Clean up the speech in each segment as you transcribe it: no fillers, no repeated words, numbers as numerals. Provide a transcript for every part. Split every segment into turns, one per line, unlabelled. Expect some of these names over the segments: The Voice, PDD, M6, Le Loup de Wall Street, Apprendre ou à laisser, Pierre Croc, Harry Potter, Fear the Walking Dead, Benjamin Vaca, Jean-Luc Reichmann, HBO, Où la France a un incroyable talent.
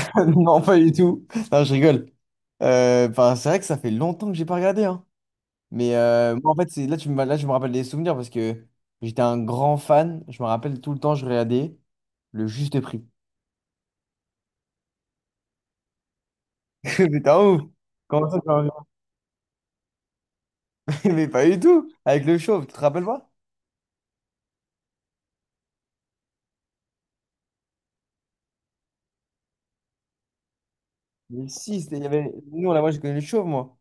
Non, pas du tout. Non, je rigole. Enfin, c'est vrai que ça fait longtemps que j'ai pas regardé, hein. Mais moi, en fait, c'est là, là, je me rappelle des souvenirs parce que j'étais un grand fan. Je me rappelle tout le temps, je regardais le juste prix. Mais t'es un ouf. Comment ça, tu vas regarder? Mais pas du tout. Avec le chauve, tu te rappelles pas? Mais si, il y avait... nous, là, moi, je connais le chauve, moi.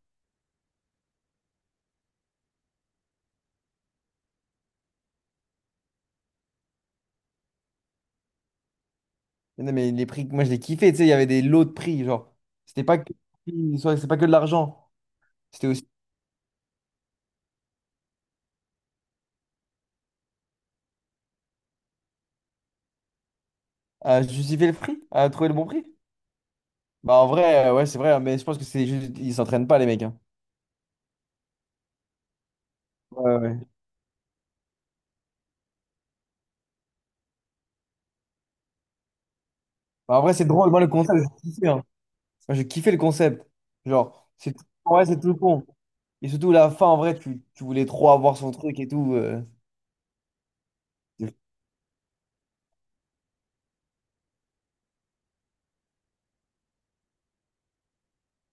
Mais non, mais les prix, moi, je les kiffais. Tu sais, il y avait des lots de prix. Genre, c'était pas que, c'est pas que de l'argent. C'était aussi à justifier le prix, à trouver le bon prix. Bah en vrai, ouais, c'est vrai, hein, mais je pense que c'est juste, ils s'entraînent pas, les mecs, hein. Ouais, ouais. Bah, en vrai, c'est drôle, moi, le concept, j'ai kiffé, hein. Moi, j'ai kiffé le concept. Genre, c'est tout... ouais, c'est tout con. Et surtout, la fin, en vrai, tu voulais trop avoir son truc et tout. C'est-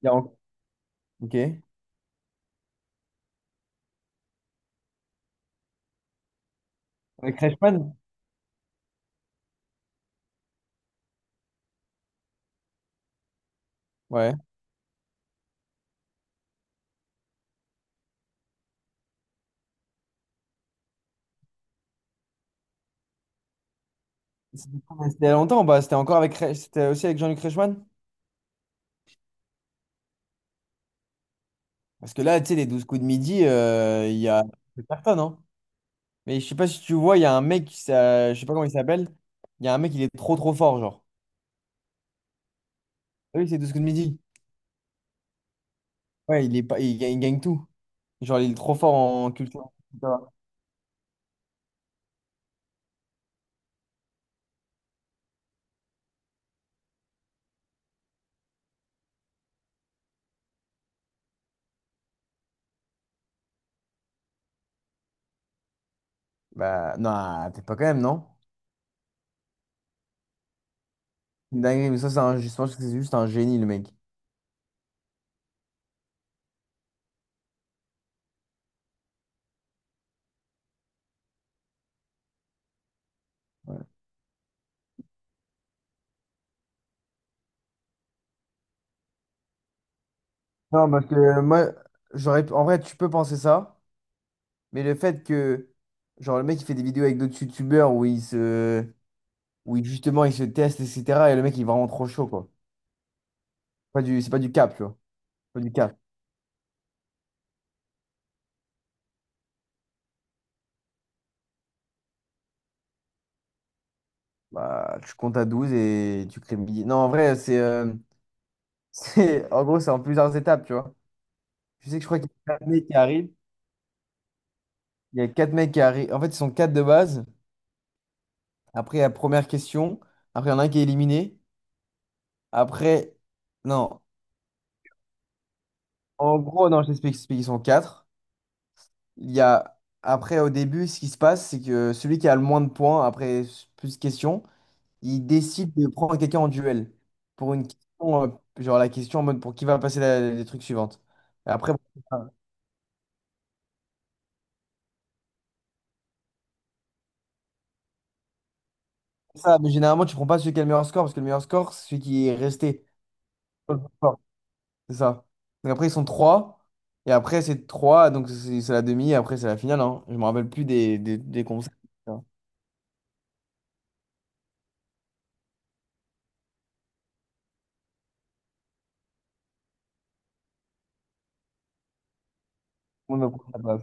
Il y a en- Ok. Avec Reichmann? Ouais. C'était c'était il y a longtemps, bah, c'était encore avec... C'était aussi avec Jean-Luc Reichmann? Parce que là, tu sais, les douze coups de midi, il y a c'est personne, hein. Mais je sais pas si tu vois, il y a un mec, je sais pas comment il s'appelle, il y a un mec, il est trop trop fort, genre. Ah oui, c'est 12 coups de midi. Ouais, il est pas, il gagne tout. Genre, il est trop fort en culture, etc. Bah, non, peut-être pas quand même, non? C'est une dinguerie, mais ça, je pense que c'est juste un génie, le mec. Ouais. Non, parce que moi, j'aurais, en vrai, tu peux penser ça, mais le fait que, genre, le mec, il fait des vidéos avec d'autres youtubeurs où il, justement, il se teste, etc. Et le mec, il est vraiment trop chaud, quoi. Pas du, c'est pas du cap, tu vois. Pas du cap. Bah, tu comptes à 12 et tu crées le billet. Non, en vrai, en gros, c'est en plusieurs étapes, tu vois. Je sais que je crois qu'il y a une année qui arrive. Il y a quatre mecs qui arrivent. En fait, ils sont quatre de base. Après, la première question. Après, il y en a un qui est éliminé. Après, non. En gros, non, je t'explique. Ils sont quatre. Il y a... Après, au début, ce qui se passe, c'est que celui qui a le moins de points, après plus de questions, il décide de prendre quelqu'un en duel. Pour une question, genre la question en mode pour qui va passer les trucs suivantes. Et après, ça, mais généralement, tu prends pas celui qui a le meilleur score, parce que le meilleur score, c'est celui qui est resté. C'est ça. Donc après, ils sont trois. Et après, c'est trois. Donc c'est la demi. Et après, c'est la finale, hein. Je me rappelle plus des concepts, hein. Ouais, mais pourquoi pas?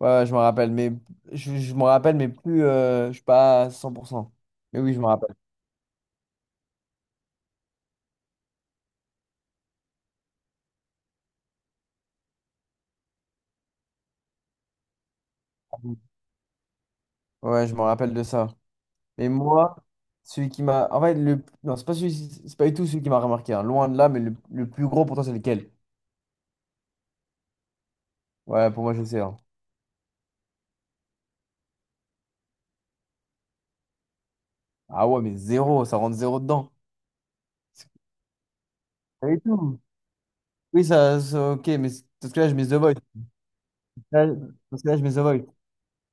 Ouais, ouais, je me rappelle. Mais je me rappelle, mais plus, je suis pas à 100%. Mais oui, je me rappelle. Ouais, je me rappelle de ça. Et moi, celui qui m'a. En fait, le. Non, c'est pas celui... c'est pas du tout celui qui m'a remarqué, hein. Loin de là, mais le plus gros pour toi, c'est lequel? Ouais, pour moi, je sais, hein. Ah ouais, mais zéro. Ça rentre zéro dedans. Pas du tout. Oui, ok, mais parce que là, je mets The Voice. Là, dans ce cas-là, je mets The Voice.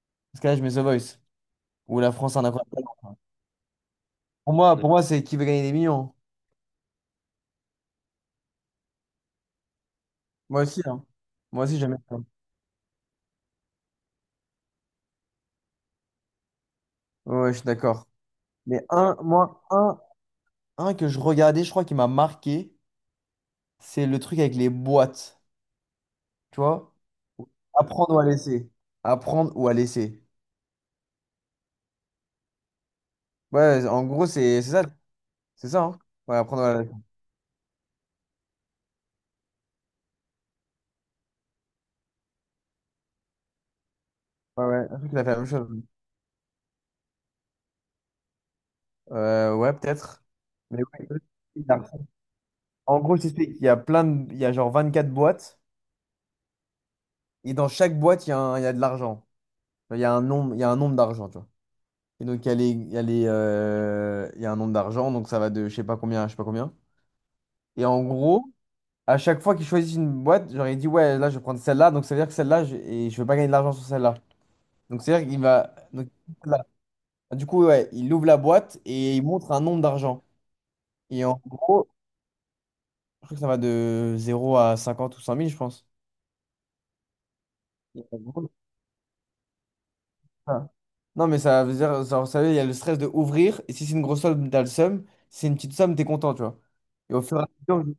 Dans ce là je mets The Voice. Où la France a un incroyable talent. Pour moi, c'est qui veut gagner des millions, hein. Moi aussi, hein. Moi aussi, j'aime bien. Ouais, je suis d'accord. Mais un, moi, un que je regardais, je crois qui m'a marqué, c'est le truc avec les boîtes. Tu vois? Apprendre ou à laisser. Apprendre ou à laisser. Ouais, en gros, c'est ça. C'est ça, hein? Ouais, apprendre ou à laisser. Ouais, ouais. Un truc qui a fait la même chose. Ouais, peut-être. Mais ouais, il a- en gros, je t'explique, il y a plein de... Il y a genre 24 boîtes. Et dans chaque boîte, il y a de l'argent. Enfin, Il y a un nombre, il y a un nombre d'argent, tu vois. Et donc, il y a les, il y a les, il y a un nombre d'argent, donc ça va de je sais pas combien à je sais pas combien. Et en gros, à chaque fois qu'ils choisissent une boîte, genre, il dit, ouais, là, je vais prendre celle-là, donc ça veut dire que celle-là, et je vais pas gagner de l'argent sur celle-là. Donc, c'est-à-dire qu'il va. Donc, là. Du coup, ouais, il ouvre la boîte et il montre un nombre d'argent. Et en gros, je crois que ça va de zéro à 50 ou 100 000 je pense. Et en gros, ah. Non, mais ça veut dire, genre, vous savez, il y a le stress de ouvrir, et si c'est une grosse somme, t'as le seum, si c'est une petite somme, t'es content, tu vois. Et au fur et à mesure,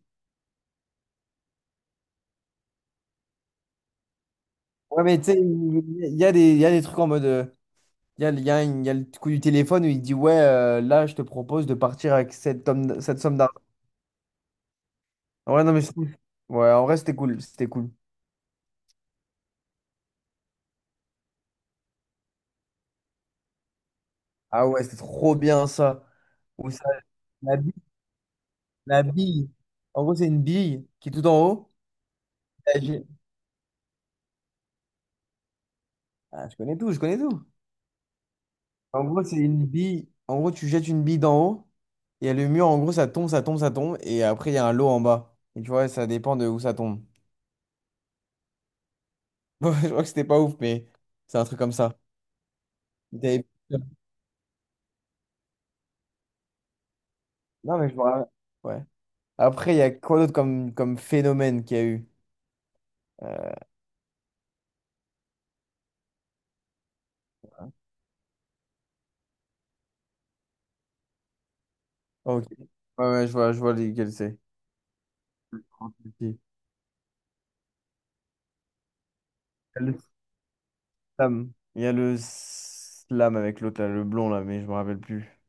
ouais, mais tu sais, il y a des trucs en mode, il y a, il y a le coup du téléphone où il dit, ouais, là, je te propose de partir avec cette somme d'argent. Ouais, non, mais cool. Ouais, en vrai, c'était cool, c'était cool. Ah ouais, c'était trop bien ça. Ou ça, la bille, la bille. En gros, c'est une bille qui est tout en haut. Ah, j'ai- ah, je connais tout. En gros, c'est une bille. En gros, tu jettes une bille d'en haut. Il y a le mur, en gros, ça tombe, ça tombe, ça tombe. Et après, il y a un lot en bas. Et tu vois, ça dépend de où ça tombe. Bon, je crois que c'était pas ouf, mais c'est un truc comme ça. T'avais- Non, mais je me rappelle. Ouais. Après, il y a quoi d'autre comme phénomène qu'il y a eu? Euh, ok. Ouais, ouais, je vois lequel c'est. Il y a le slam. Il y a le slam avec l'autre, là, le blond, là, mais je me rappelle plus.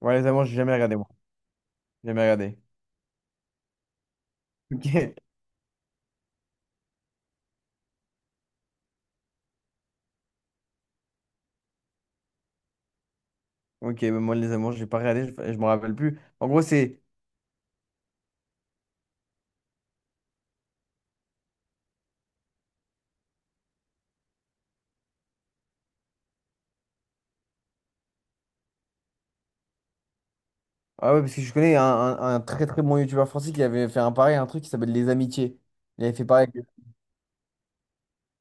Ouais, les amants, j'ai jamais regardé, moi. Jamais regardé. Ok. Ok, bah moi les amours, j'ai pas regardé, je me rappelle plus. En gros, c'est. Ah ouais, parce que je connais un très très bon youtubeur français qui avait fait un pareil, un truc qui s'appelle Les Amitiés. Il avait fait pareil.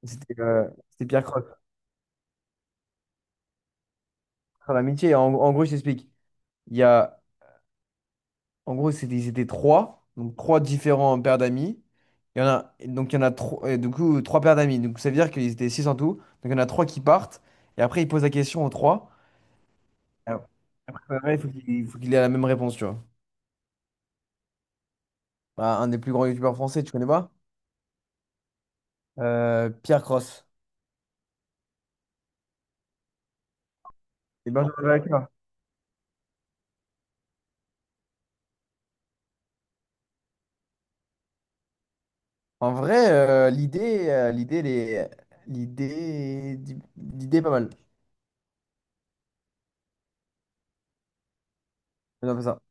C'était Pierre Croc. Sur l'amitié, en gros, je t'explique. Il y a. En gros, c'était, ils étaient trois. Donc trois différents paires d'amis. Il y en a. Donc il y en a trois, du coup, trois paires d'amis. Donc ça veut dire qu'ils étaient six en tout. Donc il y en a trois qui partent. Et après, ils posent la question aux trois. Alors, après, il faut qu'il ait la même réponse, tu vois. Bah, un des plus grands youtubeurs français, tu connais pas? Pierre Cross. Et En Benjamin Vaca. En vrai, l'idée, l'idée, l'idée est pas mal. Faisons ça.